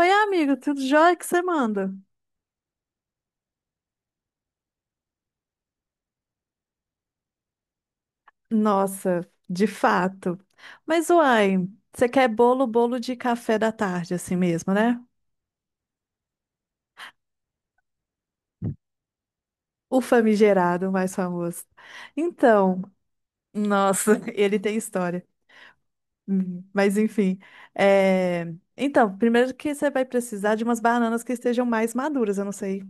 Oi, amigo, tudo jóia que você manda? Nossa, de fato. Mas, uai, você quer bolo, bolo de café da tarde, assim mesmo, né? O famigerado mais famoso. Então, nossa, ele tem história. Mas, enfim. é, Então, primeiro que você vai precisar de umas bananas que estejam mais maduras. Eu não sei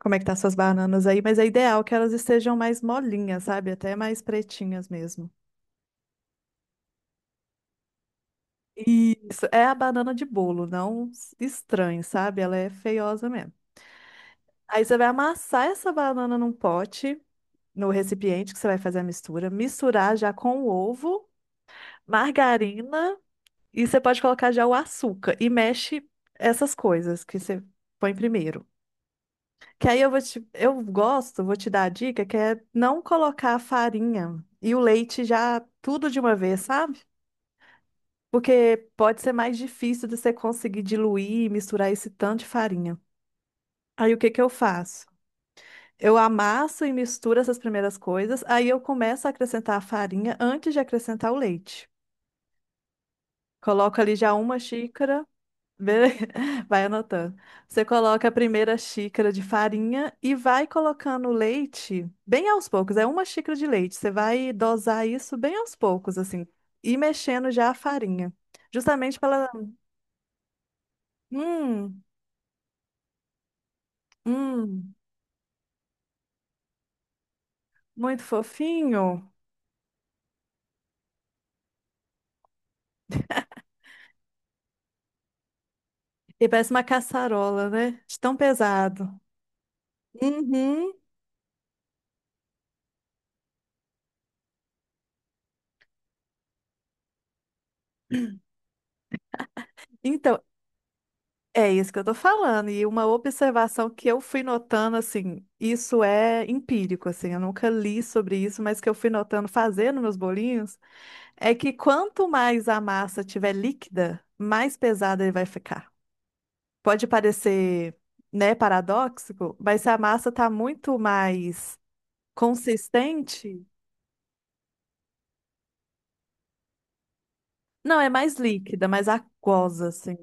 como é que tá suas bananas aí, mas é ideal que elas estejam mais molinhas, sabe? Até mais pretinhas mesmo. Isso, é a banana de bolo, não estranho, sabe? Ela é feiosa mesmo. Aí você vai amassar essa banana num pote, no recipiente que você vai fazer a mistura, misturar já com o ovo, margarina e você pode colocar já o açúcar e mexe essas coisas que você põe primeiro. Que aí eu vou te, eu gosto, vou te dar a dica que é não colocar a farinha e o leite já tudo de uma vez, sabe? Porque pode ser mais difícil de você conseguir diluir e misturar esse tanto de farinha. Aí o que que eu faço? Eu amasso e misturo essas primeiras coisas, aí eu começo a acrescentar a farinha antes de acrescentar o leite. Coloco ali já uma xícara, bele- vai anotando. Você coloca a primeira xícara de farinha e vai colocando o leite bem aos poucos. É uma xícara de leite. Você vai dosar isso bem aos poucos, assim, e mexendo já a farinha. Justamente para ela. Hum, hum. Muito fofinho. E parece uma caçarola, né? De tão pesado. Uhum. Então, é isso que eu tô falando. E uma observação que eu fui notando, assim, isso é empírico, assim, eu nunca li sobre isso, mas que eu fui notando fazendo meus bolinhos, é que quanto mais a massa tiver líquida, mais pesada ele vai ficar. Pode parecer, né, paradóxico, mas se a massa tá muito mais consistente, não, é mais líquida, mais aquosa, assim.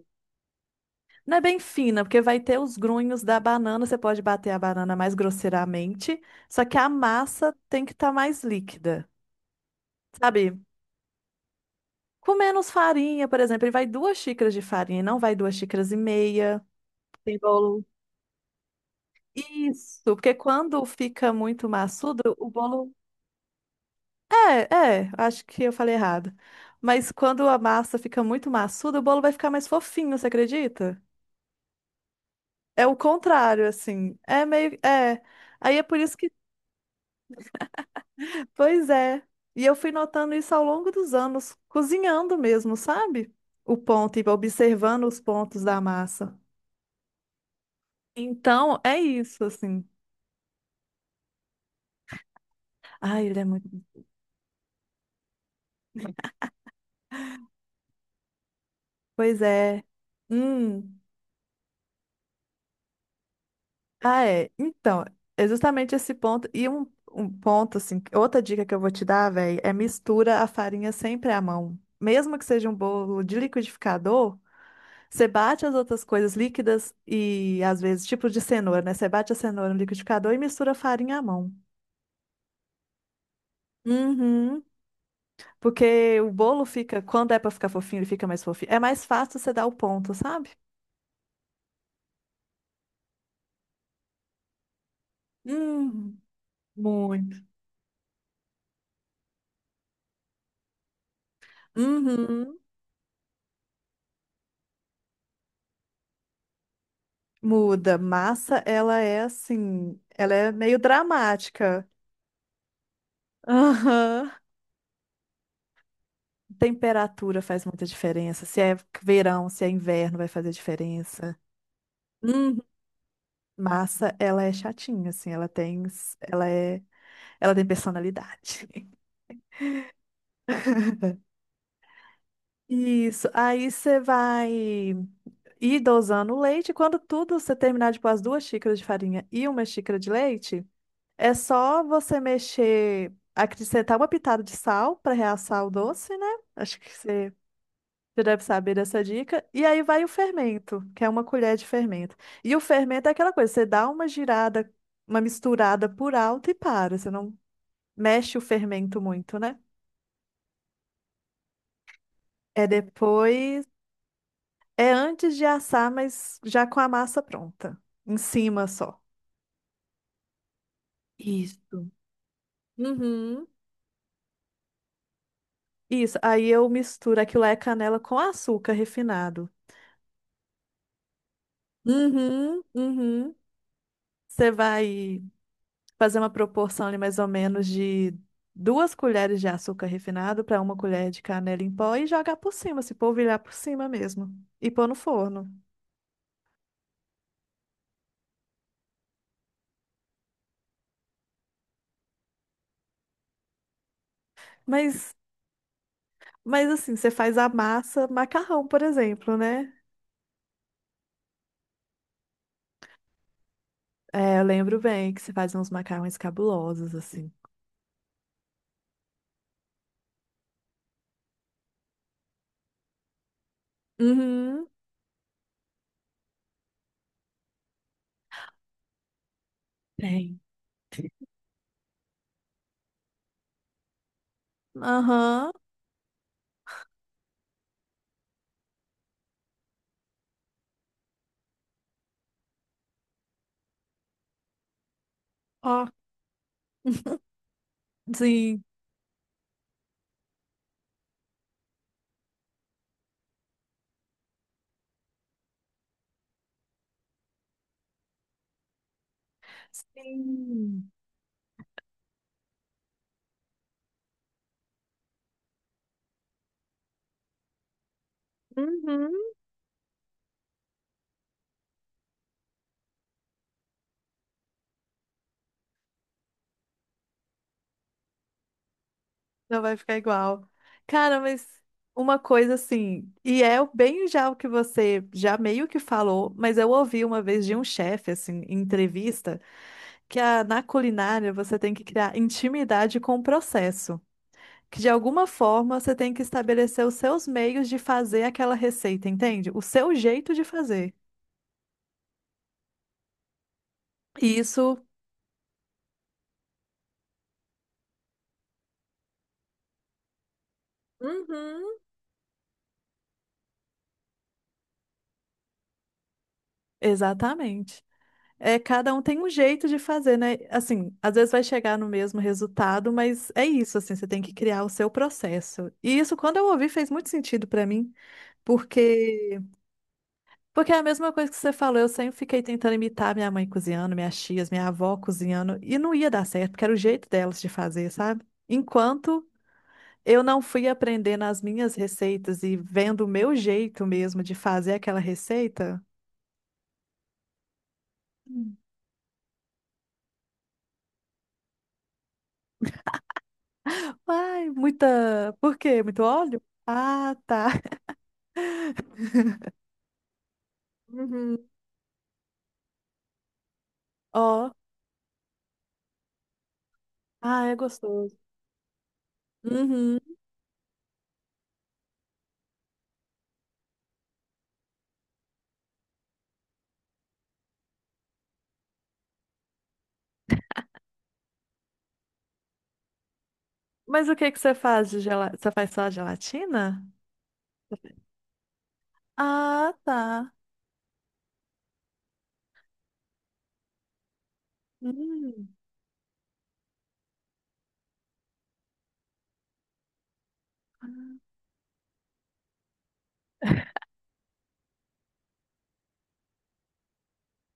Não é bem fina, porque vai ter os grunhos da banana, você pode bater a banana mais grosseiramente, só que a massa tem que estar mais líquida, sabe? Com menos farinha, por exemplo, ele vai 2 xícaras de farinha, não vai 2 xícaras e meia. Tem bolo. Isso, porque quando fica muito maçudo, o bolo. É, é, acho que eu falei errado. Mas quando a massa fica muito maçuda, o bolo vai ficar mais fofinho, você acredita? É o contrário, assim. É meio. É. Aí é por isso que. Pois é. E eu fui notando isso ao longo dos anos, cozinhando mesmo, sabe? O ponto e observando os pontos da massa. Então, é isso, assim. Ai, ele é muito. Pois é. Hum. Ah, é. Então, é justamente esse ponto. E um ponto, assim, outra dica que eu vou te dar, velho, é mistura a farinha sempre à mão. Mesmo que seja um bolo de liquidificador. Você bate as outras coisas líquidas e, às vezes, tipo de cenoura, né? Você bate a cenoura no liquidificador e mistura a farinha à mão. Uhum. Porque o bolo fica, quando é pra ficar fofinho, ele fica mais fofinho. É mais fácil você dar o ponto, sabe? Hum, muito. Uhum. Muda. Massa, ela é assim, ela é meio dramática. Aham. Temperatura faz muita diferença. Se é verão, se é inverno, vai fazer diferença. Massa, ela é chatinha, assim, ela é, ela tem personalidade. Isso, aí você vai ir dosando o leite. Quando tudo você terminar de pôr as 2 xícaras de farinha e uma xícara de leite, é só você mexer, acrescentar uma pitada de sal para reaçar o doce, né? Acho que você já deve saber dessa dica. E aí vai o fermento, que é uma colher de fermento. E o fermento é aquela coisa, você dá uma girada, uma misturada por alto e para. Você não mexe o fermento muito, né? É depois. É antes de assar, mas já com a massa pronta. Em cima só. Isso. Uhum. Isso. Aí eu misturo. Aquilo lá é canela com açúcar refinado. Uhum. Uhum. Você vai fazer uma proporção ali mais ou menos de 2 colheres de açúcar refinado para uma colher de canela em pó e jogar por cima, se polvilhar por cima mesmo. E pôr no forno. Mas Mas assim, você faz a massa macarrão, por exemplo, né? É, eu lembro bem que você faz uns macarrões cabulosos, assim. Uhum, tem. Aham, ó. Sim. Sim. Uhum. Não vai ficar igual. Cara, mas uma coisa assim, e é bem já o que você já meio que falou, mas eu ouvi uma vez de um chefe, assim, em entrevista, que na culinária você tem que criar intimidade com o processo. Que de alguma forma você tem que estabelecer os seus meios de fazer aquela receita, entende? O seu jeito de fazer. E isso. Uhum. Exatamente. É, cada um tem um jeito de fazer, né? Assim, às vezes vai chegar no mesmo resultado, mas é isso, assim, você tem que criar o seu processo. E isso, quando eu ouvi, fez muito sentido pra mim, porque porque é a mesma coisa que você falou, eu sempre fiquei tentando imitar minha mãe cozinhando, minhas tias, minha avó cozinhando, e não ia dar certo, porque era o jeito delas de fazer, sabe? Enquanto eu não fui aprender nas minhas receitas e vendo o meu jeito mesmo de fazer aquela receita. Hum. Ai, muita. Por quê? Muito óleo? Ah, tá. Uhum. Ó. Ah, é gostoso. Uhum. Mas o que que você faz. Você faz só gelatina? Ah, tá. Hum.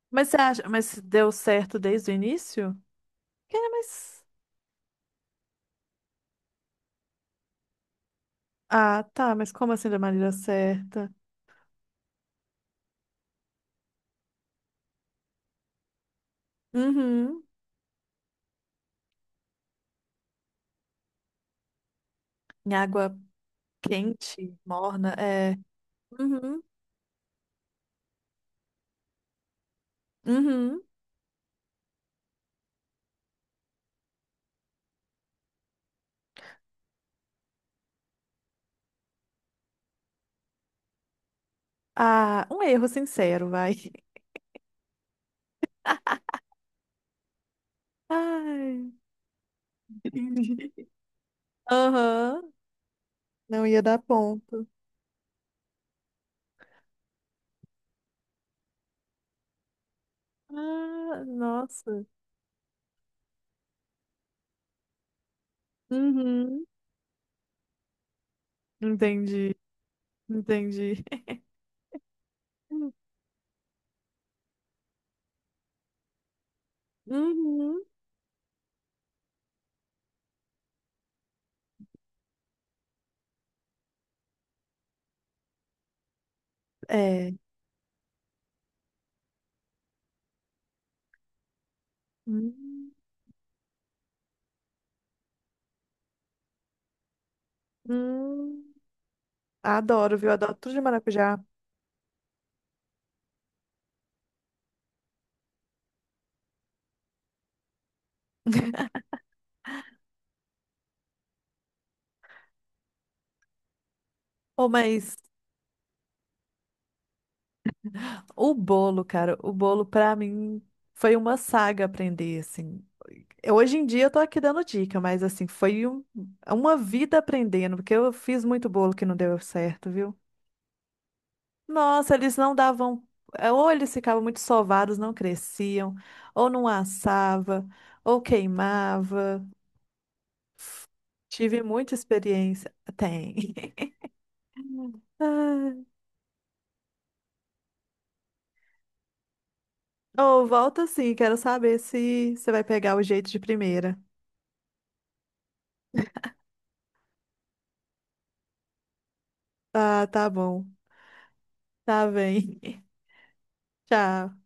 Mas você acha. Mas deu certo desde o início? Que, é, mas... Ah, tá. Mas como assim da maneira certa? Uhum. Em água quente, morna, é. Uhum, uhum. Ah, um erro sincero, vai. Ai, entendi. Aham, não ia dar ponto. Ah, nossa. Uhum. Entendi, entendi. Uhum. É. Hum, hum. Adoro, viu? Adoro tudo de maracujá. Oh, mas o bolo, cara, o bolo pra mim foi uma saga aprender, assim. Hoje em dia eu tô aqui dando dica, mas assim, foi uma vida aprendendo, porque eu fiz muito bolo que não deu certo, viu? Nossa, eles não davam, ou eles ficavam muito sovados, não cresciam, ou não assava, ou queimava. F- Tive muita experiência. Tem. Ah, ou volta, sim, quero saber se você vai pegar o jeito de primeira. Ah, tá bom. Tá bem. Tchau.